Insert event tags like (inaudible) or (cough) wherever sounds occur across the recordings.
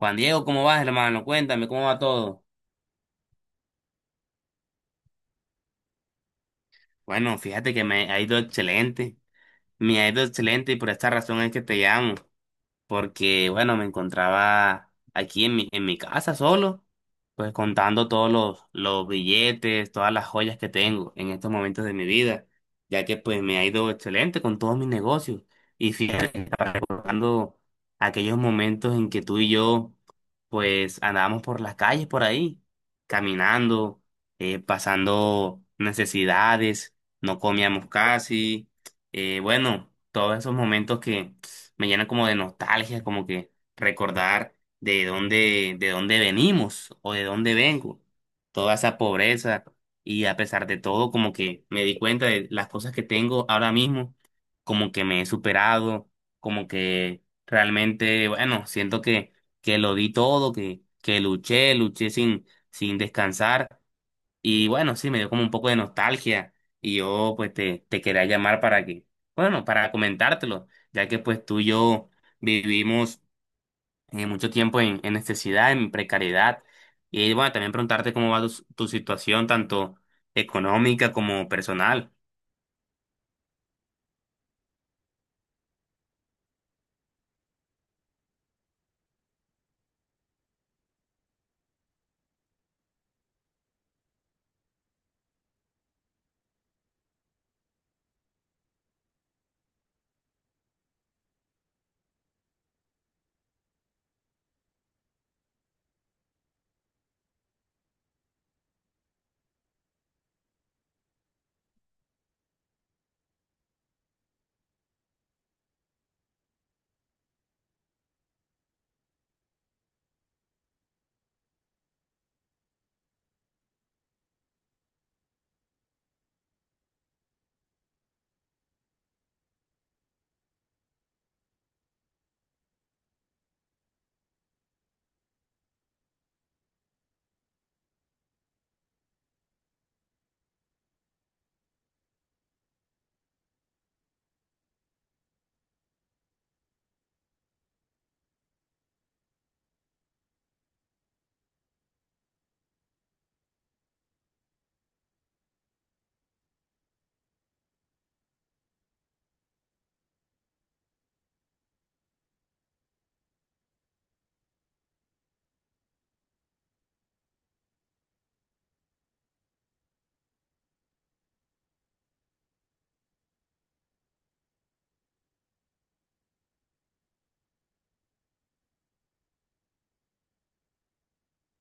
Juan Diego, ¿cómo vas, hermano? Cuéntame, ¿cómo va todo? Bueno, fíjate que me ha ido excelente, me ha ido excelente y por esta razón es que te llamo. Porque bueno, me encontraba aquí en mi casa solo, pues contando todos los billetes, todas las joyas que tengo en estos momentos de mi vida, ya que pues me ha ido excelente con todos mis negocios. Y fíjate, que estaba recordando aquellos momentos en que tú y yo pues andábamos por las calles por ahí, caminando, pasando necesidades, no comíamos casi, bueno, todos esos momentos que me llena como de nostalgia, como que recordar de dónde venimos o de dónde vengo, toda esa pobreza y a pesar de todo, como que me di cuenta de las cosas que tengo ahora mismo, como que me he superado, como que realmente, bueno, siento que lo di todo, que luché, luché sin descansar y bueno, sí, me dio como un poco de nostalgia y yo pues te quería llamar para que, bueno, para comentártelo, ya que pues tú y yo vivimos mucho tiempo en necesidad, en precariedad. Y bueno, también preguntarte cómo va tu situación, tanto económica como personal.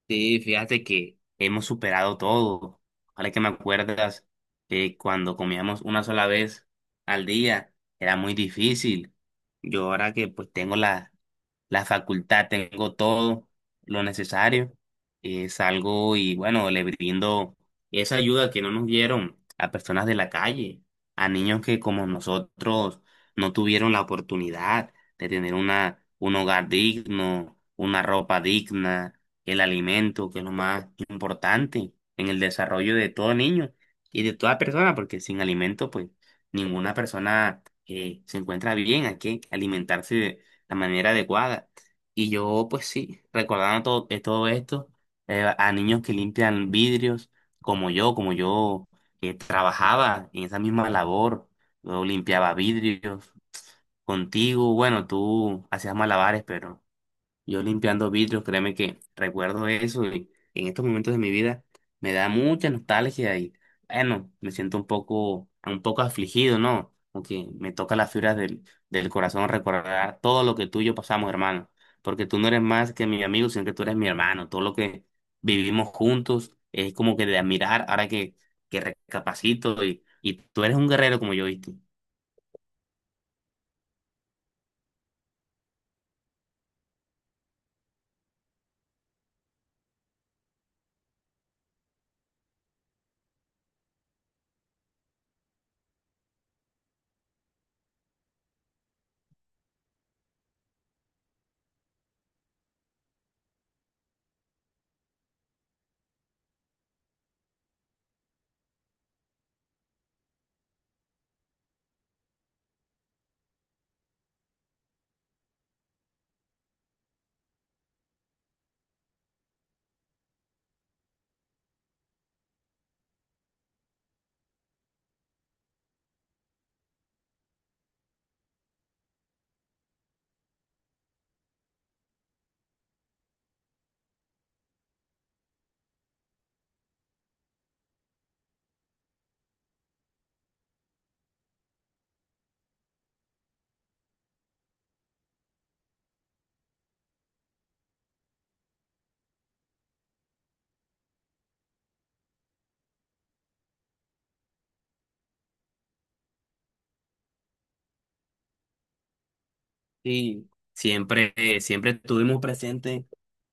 Sí, fíjate que hemos superado todo. Ahora que me acuerdas que cuando comíamos una sola vez al día era muy difícil. Yo ahora que pues tengo la facultad, tengo todo lo necesario. Salgo y bueno, le brindo esa ayuda que no nos dieron a personas de la calle, a niños que como nosotros no tuvieron la oportunidad de tener una, un hogar digno, una ropa digna, el alimento, que es lo más importante en el desarrollo de todo niño y de toda persona, porque sin alimento, pues ninguna persona se encuentra bien, hay que alimentarse la manera adecuada. Y yo, pues sí, recordando todo, todo esto, a niños que limpian vidrios, como yo que trabajaba en esa misma labor, yo limpiaba vidrios contigo, bueno, tú hacías malabares, pero... Yo limpiando vidrios, créeme que recuerdo eso y en estos momentos de mi vida me da mucha nostalgia y bueno, me siento un poco afligido, ¿no? Porque me toca las fibras del corazón recordar todo lo que tú y yo pasamos, hermano. Porque tú no eres más que mi amigo, sino que tú eres mi hermano. Todo lo que vivimos juntos es como que de admirar ahora que recapacito y tú eres un guerrero como yo, ¿viste? Sí, siempre, siempre estuvimos presentes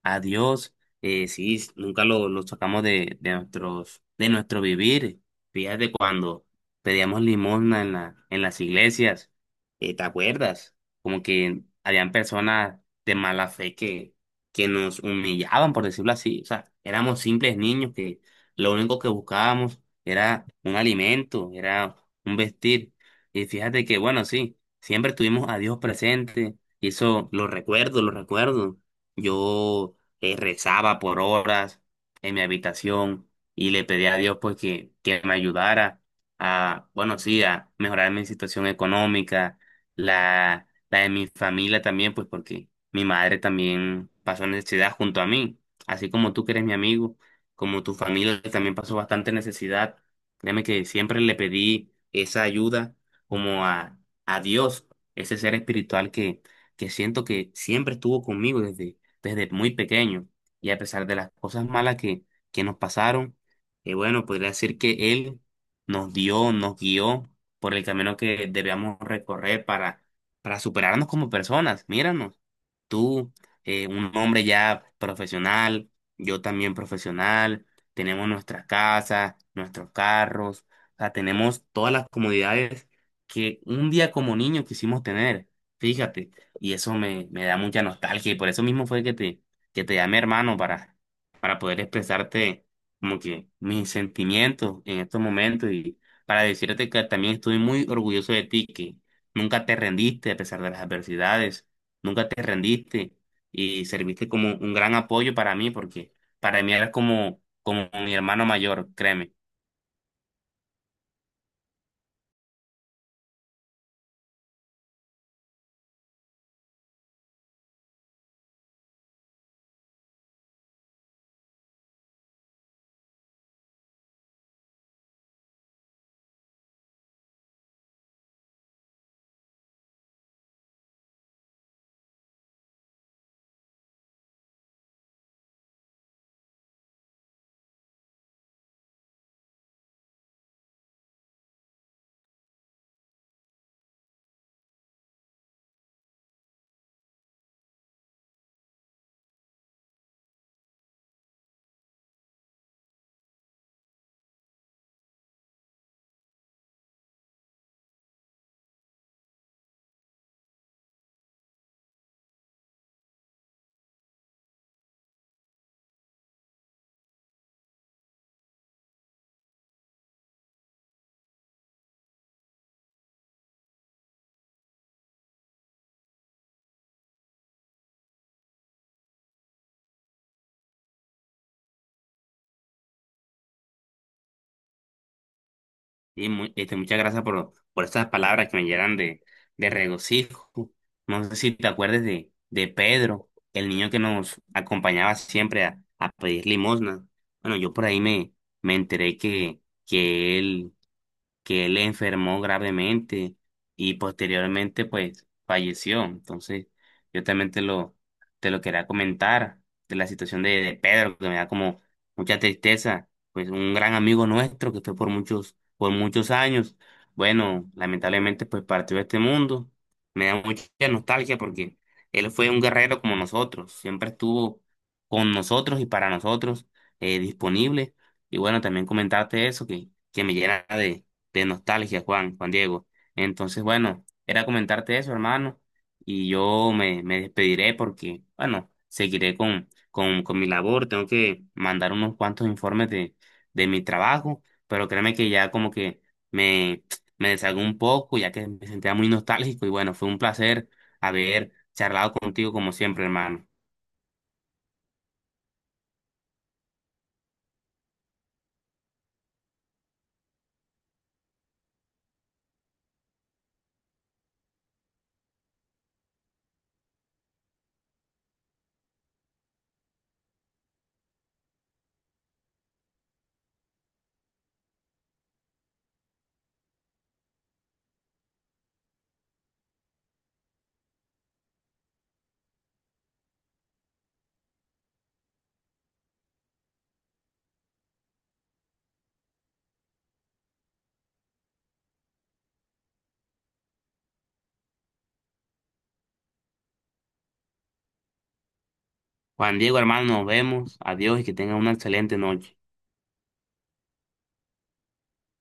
a Dios, sí, nunca lo sacamos de nuestros, de nuestro vivir. Fíjate cuando pedíamos limosna en la, en las iglesias, ¿te acuerdas? Como que habían personas de mala fe que nos humillaban, por decirlo así. O sea, éramos simples niños que lo único que buscábamos era un alimento, era un vestir. Y fíjate que, bueno, sí. Siempre tuvimos a Dios presente y eso lo recuerdo, lo recuerdo. Yo rezaba por horas en mi habitación y le pedía a Dios pues que me ayudara a, bueno, sí, a mejorar mi situación económica, la de mi familia también, pues porque mi madre también pasó necesidad junto a mí, así como tú que eres mi amigo, como tu familia también pasó bastante necesidad. Créeme que siempre le pedí esa ayuda como a Dios, ese ser espiritual que siento que siempre estuvo conmigo desde, desde muy pequeño. Y a pesar de las cosas malas que nos pasaron, bueno, podría decir que Él nos dio, nos guió por el camino que debíamos recorrer para superarnos como personas. Míranos, tú, un hombre ya profesional, yo también profesional, tenemos nuestras casas, nuestros carros, o sea, tenemos todas las comodidades que un día como niño quisimos tener, fíjate, y eso me, me da mucha nostalgia y por eso mismo fue que te llamé hermano para poder expresarte como que mis sentimientos en estos momentos y para decirte que también estoy muy orgulloso de ti, que nunca te rendiste a pesar de las adversidades, nunca te rendiste y serviste como un gran apoyo para mí porque para mí eras como, como mi hermano mayor, créeme. Y este, muchas gracias por estas palabras que me llenan de regocijo. No sé si te acuerdas de Pedro, el niño que nos acompañaba siempre a pedir limosna. Bueno, yo por ahí me, me enteré que, que él que él enfermó gravemente y posteriormente pues falleció. Entonces, yo también te lo quería comentar de la situación de Pedro, que me da como mucha tristeza, pues un gran amigo nuestro que fue por muchos años. Bueno, lamentablemente pues partió de este mundo. Me da mucha nostalgia porque él fue un guerrero como nosotros, siempre estuvo con nosotros y para nosotros disponible. Y bueno, también comentarte eso que me llena de nostalgia, Juan, Juan Diego. Entonces, bueno, era comentarte eso, hermano, y yo me, me despediré porque, bueno, seguiré con mi labor, tengo que mandar unos cuantos informes de mi trabajo, pero créeme que ya como que me, (tsk) me deshago un poco, ya que me sentía muy nostálgico, y bueno, fue un placer haber charlado contigo como siempre, hermano. Juan Diego, hermano, nos vemos, adiós y que tenga una excelente noche.